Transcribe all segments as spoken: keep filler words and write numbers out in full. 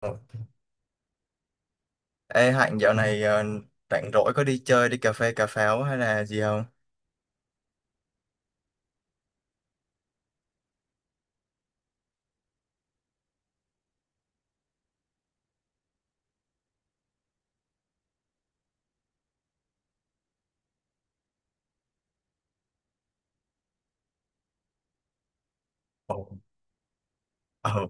Ờ. Ê Hạnh, dạo này ờ, rảnh rỗi có đi chơi đi cà phê cà pháo hay là gì không? Ờ, Ờ,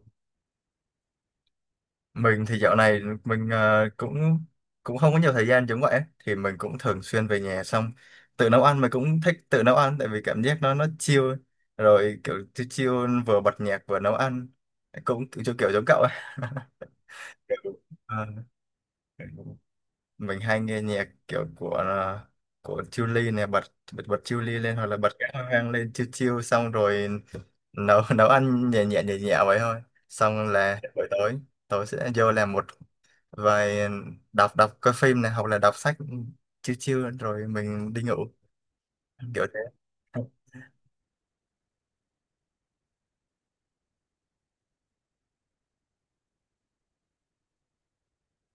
mình thì dạo này mình ờ, cũng cũng không có nhiều thời gian. Giống vậy thì mình cũng thường xuyên về nhà, xong tự nấu ăn. Mình cũng thích tự nấu ăn tại vì cảm giác nó nó chill, rồi kiểu chill chill, vừa bật nhạc vừa nấu ăn, cũng kiểu kiểu giống cậu ấy. kiểu- Ờ, mình hay nghe nhạc kiểu của ờ, của Chillies nè, bật bật bật Chillies lên, hoặc là bật các hoang lên chill chill, xong rồi nấu nấu ăn nhẹ nhẹ nhẹ nhẹ vậy thôi. Xong là buổi tối, tối sẽ vô làm một vài, đọc đọc coi phim này hoặc là đọc sách, chiêu chiêu rồi mình đi ngủ kiểu thế.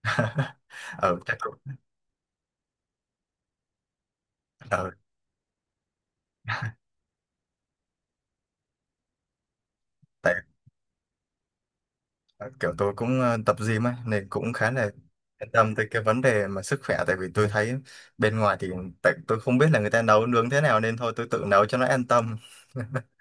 Ừ, chắc cũng ừ, tại kiểu tôi cũng ờ, tập gym ấy nên cũng khá là yên tâm tới cái vấn đề mà sức khỏe. Tại vì tôi thấy bên ngoài thì, tại tôi không biết là người ta nấu nướng thế nào nên thôi tôi tự nấu cho nó an tâm.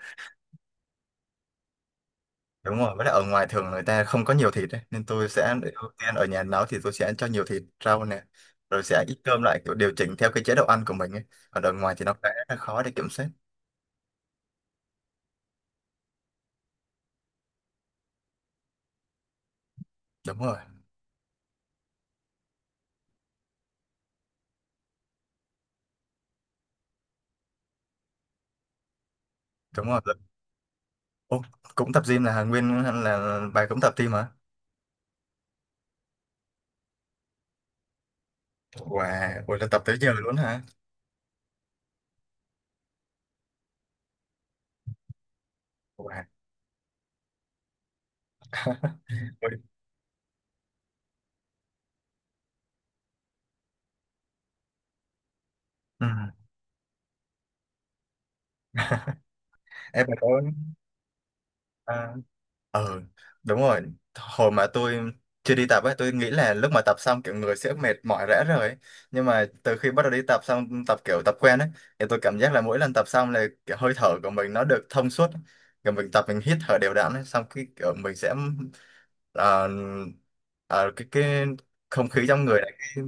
Đúng rồi, với lại ở ngoài thường người ta không có nhiều thịt ấy. Nên tôi sẽ ưu tiên ở nhà nấu, thì tôi sẽ cho nhiều thịt rau nè, rồi sẽ ít cơm lại, kiểu điều chỉnh theo cái chế độ ăn của mình ấy. Còn ở ngoài thì nó khá là khó để kiểm soát. Đúng rồi, đúng rồi. Ô, cũng tập gym, là nguyên là bà cũng tập gym hả? Wow, ôi là tập tới giờ luôn hả? Wow. Ôi, ừ. Em bà có à? Ờ, Đúng rồi. Hồi mà tôi chưa đi tập ấy, tôi nghĩ là lúc mà tập xong kiểu người sẽ mệt mỏi rã rời ấy. Nhưng mà từ khi bắt đầu đi tập xong, tập kiểu tập quen ấy, thì tôi cảm giác là mỗi lần tập xong là kiểu hơi thở của mình nó được thông suốt. Kiểu mình tập mình hít thở đều đặn ấy, xong cái kiểu mình sẽ ờ, ờ, cái cái không khí trong người này cái,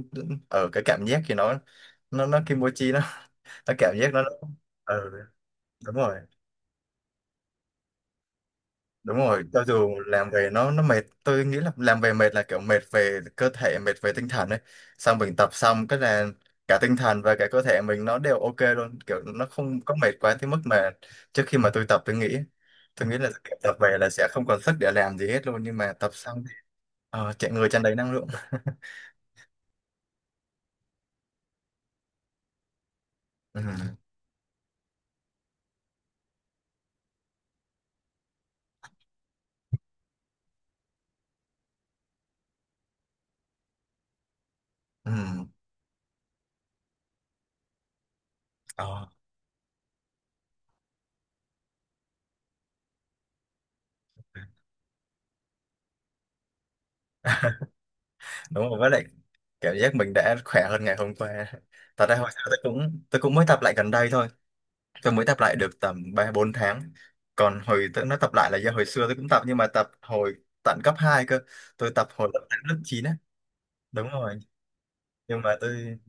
ở cái cảm giác thì nó nó nó kimochi nó nó cảm giác nó, nó ừ, đúng rồi đúng rồi. Cho dù làm về nó nó mệt, tôi nghĩ là làm về mệt là kiểu mệt về cơ thể, mệt về tinh thần ấy. Xong mình tập xong cái là cả tinh thần và cả cơ thể mình nó đều ok luôn, kiểu nó không có mệt quá tới mức mà trước khi mà tôi tập tôi nghĩ, tôi nghĩ là kiểu tập về là sẽ không còn sức để làm gì hết luôn, nhưng mà tập xong thì ờ, chạy người tràn đầy năng lượng. Ừ, ừ, ờ, đúng rồi, với lại cảm giác mình đã khỏe hơn ngày hôm qua. Thật ra hồi sáng tôi cũng, tôi cũng mới tập lại gần đây thôi. Tôi mới tập lại được tầm ba bốn tháng. Còn hồi tôi nó tập lại là do hồi xưa tôi cũng tập, nhưng mà tập hồi tận cấp hai cơ. Tôi tập hồi lớp tám lớp chín á. Đúng rồi. Nhưng mà tôi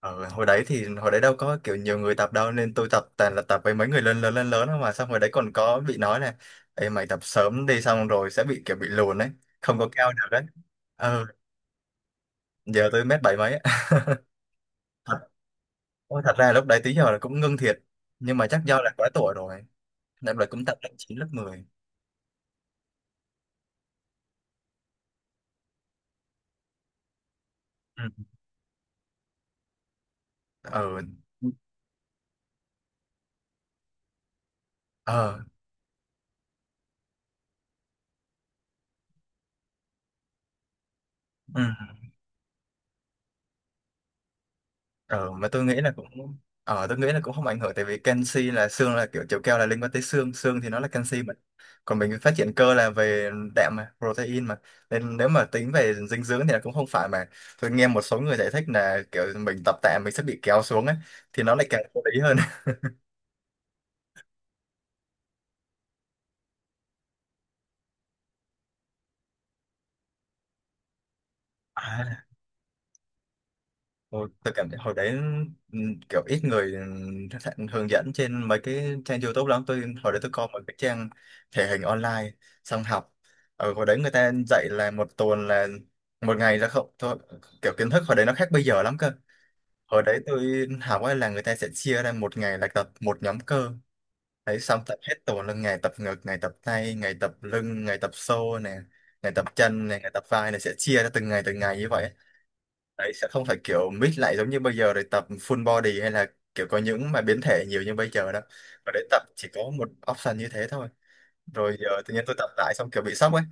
ở hồi đấy, thì hồi đấy đâu có kiểu nhiều người tập đâu, nên tôi tập toàn là tập với mấy người lớn lớn lớn lớn thôi. Mà xong hồi đấy còn có bị nói là "Ê mày tập sớm đi xong rồi sẽ bị kiểu bị lùn ấy, không có cao được đấy." Ờ, Giờ tôi mét bảy mấy á. Thật, ôi, thật ra lúc đấy tí giờ là cũng ngưng thiệt, nhưng mà chắc do là quá tuổi rồi. Nên là cũng tập lớp chín lớp mười. Ừ. Ờ, ờ ừ. ờ mà tôi nghĩ là cũng ờ tôi nghĩ là cũng không ảnh hưởng, tại vì canxi là xương là kiểu chiều cao là liên quan tới xương, xương thì nó là canxi mà. Còn mình phát triển cơ là về đạm mà, protein mà, nên nếu mà tính về dinh dưỡng thì là cũng không phải mà. Tôi nghe một số người giải thích là kiểu mình tập tạ mình sẽ bị kéo xuống ấy, thì nó lại càng vô lý hơn. Ôi, tôi cảm thấy hồi đấy ừm, kiểu ít người, ừm, thật- hướng dẫn trên mấy cái trang YouTube lắm. Tôi hồi đấy, tôi coi một cái trang thể hình online. Xong học, ở hồi đấy người ta dạy là một tuần là một ngày là không thôi. Kiểu kiến thức hồi đấy nó khác bây giờ lắm cơ. Hồi đấy tôi học ấy là người ta sẽ chia ra một ngày là tập một nhóm cơ, đấy xong tập hết tuần là ngày tập ngực, ngày tập tay, ngày tập lưng, ngày tập xô nè, ngày tập chân này, ngày tập vai này, sẽ chia ra từng ngày từng ngày như vậy. Đấy sẽ không phải kiểu mix lại giống như bây giờ để tập full body, hay là kiểu có những mà biến thể nhiều như bây giờ đâu. Và để tập chỉ có một option như thế thôi. Rồi giờ tự nhiên tôi tập lại xong kiểu bị sốc ấy,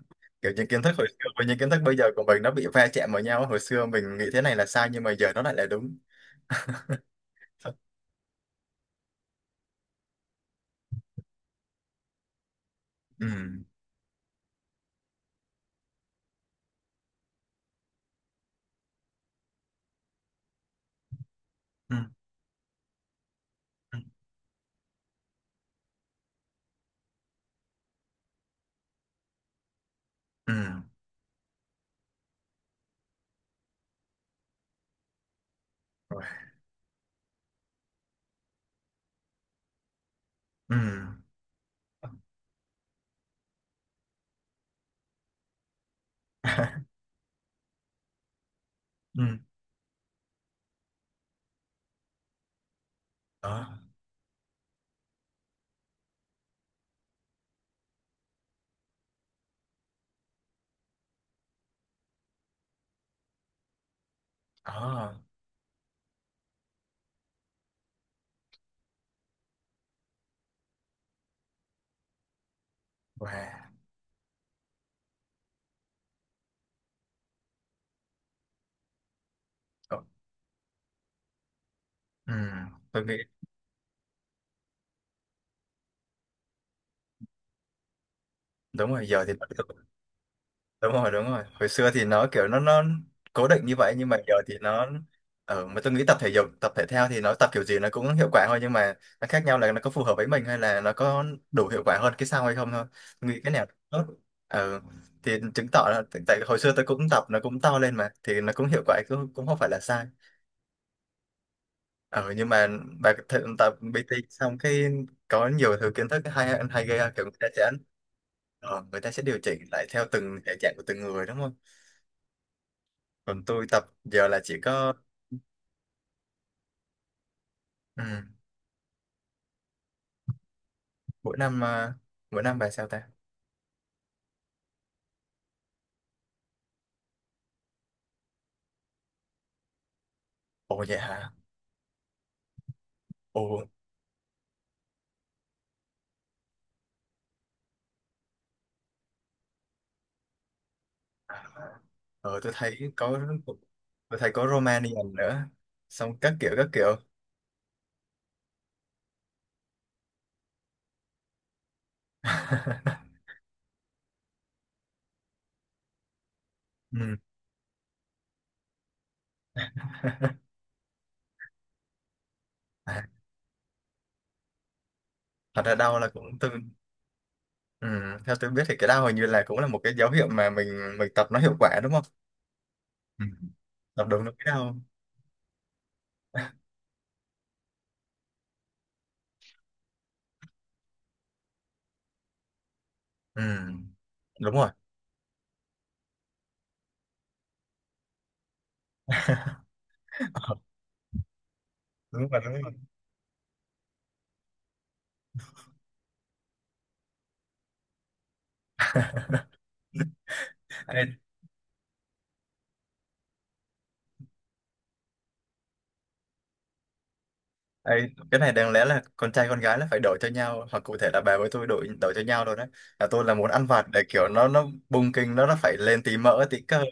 kiểu những kiến thức hồi xưa với những kiến thức bây giờ của mình nó bị va chạm vào nhau. Hồi xưa mình nghĩ thế này là sai nhưng mà giờ nó lại là đúng. Ừ. Ừ. Ừ. Ừ. Rồi. Ừ. Ừ, đó, đó. Wow. Ờ, ừ, tôi nghĩ đúng rồi giờ thì đúng rồi, đúng rồi. Hồi xưa thì nó kiểu nó nó cố định như vậy, nhưng mà giờ thì nó. Ở mà tôi nghĩ tập thể dục tập thể thao thì nó tập kiểu gì nó cũng hiệu quả thôi, nhưng mà nó khác nhau là nó có phù hợp với mình hay là nó có đủ hiệu quả hơn cái sau hay không thôi. Tôi nghĩ cái nào tốt ừ. Thì chứng tỏ là tại tại hồi xưa tôi cũng tập nó cũng to lên mà, thì nó cũng hiệu quả, cũng, cũng không phải là sai. Ừ, nhưng mà bà th tập pê tê xong cái có nhiều thứ kiến thức hay hay ghê, kiểu người ta sẽ ờ, người ta sẽ điều chỉnh lại theo từng thể trạng của từng người đúng không? Còn tôi tập giờ là chỉ có ừ, mỗi năm à, mỗi năm bài sao ta. Ồ vậy hả? Ồ. ờ tôi thấy có, tôi thấy có Romanian nữa, xong các kiểu, các kiểu. Ừ. À, thật ra đau là cũng tôi ừ. Theo tôi biết thì cái đau hình như là cũng là một cái dấu hiệu mà mình mình tập nó hiệu quả đúng không? Ừ, tập đúng nó cái đau. Ừ. Đúng rồi. Đúng rồi, đúng rồi. Ê, ê, cái này đáng lẽ là con trai con gái là phải đổi cho nhau, hoặc cụ thể là bà với tôi đổi đổi cho nhau rồi đấy. Là tôi là muốn ăn vặt để kiểu nó nó bung kinh, nó nó phải lên tí mỡ tí cơ ấy.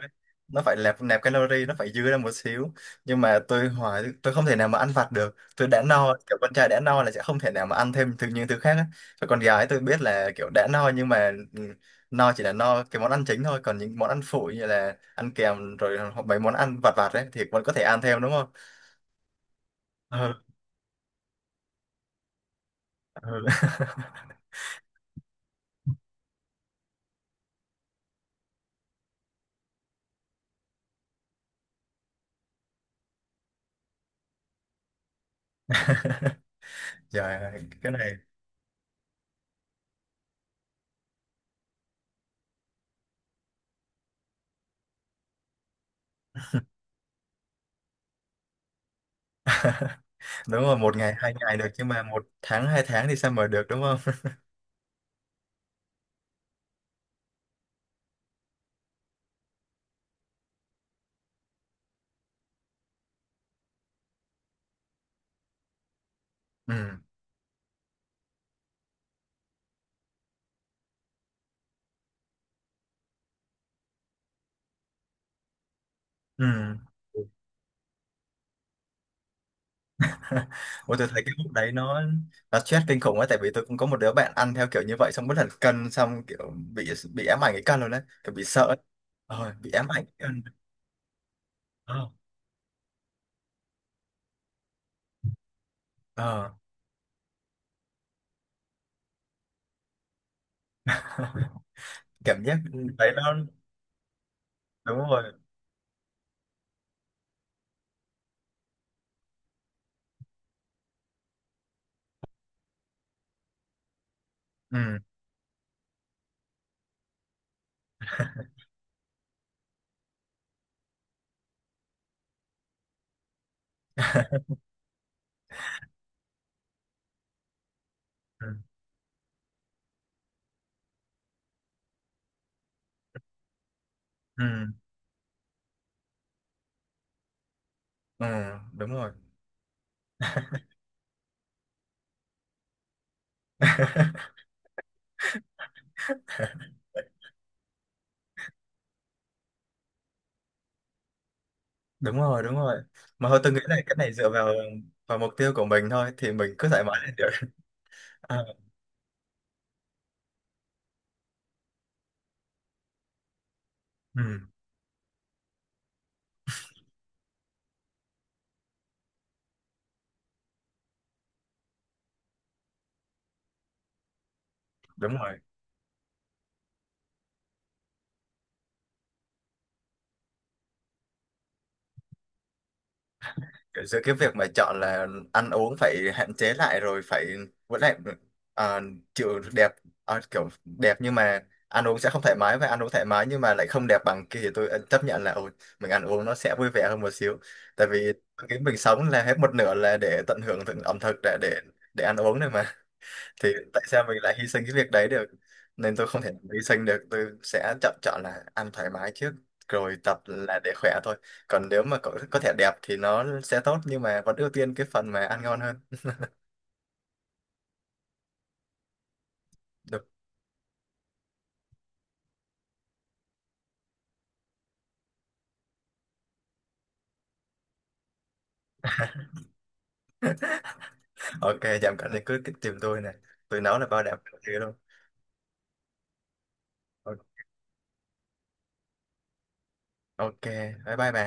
Nó phải nẹp nẹp calorie, nó phải dư ra một xíu. Nhưng mà tôi hỏi tôi không thể nào mà ăn vặt được, tôi đã no. Kiểu con trai đã no là sẽ không thể nào mà ăn thêm thứ những thứ khác ấy. Còn con gái tôi biết là kiểu đã no, nhưng mà ừ, no chỉ là no cái món ăn chính thôi, còn những món ăn phụ như là ăn kèm rồi hoặc mấy món ăn vặt vặt ấy thì vẫn có thể ăn thêm đúng không? Ừ, ừ. Trời ơi, cái này đúng rồi, một ngày hai ngày được nhưng mà một tháng hai tháng thì sao mà được đúng không? Ừ. Ừ. Ủa tôi thấy cái lúc đấy nó nó stress kinh khủng ấy. Tại vì tôi cũng có một đứa bạn ăn theo kiểu như vậy xong bất hẳn cân, xong kiểu bị bị ám ảnh cái cân luôn đấy, kiểu bị sợ ấy. Ờ, bị ám ảnh cái cân. Ờ. Ờ. Cảm giác đấy nó đúng rồi. Ừ. Ừ. Ừ. Ừ. Đúng rồi. Đúng rồi, đúng rồi, mà thôi tôi nghĩ là cái này dựa vào vào mục tiêu của mình thôi, thì mình cứ thoải mái là được. Ừ, đúng rồi. Cái- Giữa cái việc mà chọn là ăn uống phải hạn chế lại rồi phải, vẫn lại, ờ, chịu đẹp, ờ, kiểu đẹp nhưng mà ăn uống sẽ không thoải mái, và ăn uống thoải mái nhưng mà lại không đẹp bằng kia, thì tôi chấp nhận là ôi, mình ăn uống nó sẽ vui vẻ hơn một xíu. Tại vì cái mình sống là hết một nửa là để tận hưởng thực- ẩm thực, để để để ăn uống này mà. Thì tại sao mình lại hy sinh cái việc đấy được, nên tôi không thể nào hy sinh được. Tôi sẽ chọn, chọn là ăn thoải mái trước, rồi tập là để khỏe thôi. Còn nếu mà có, có thể đẹp thì nó sẽ tốt, nhưng mà vẫn ưu tiên cái phần mà ăn ngon hơn. Được, ok, giảm cân thì cứ cứ tìm tôi này, tôi nấu là bao đẹp chứ luôn. Ok, bye bye bà.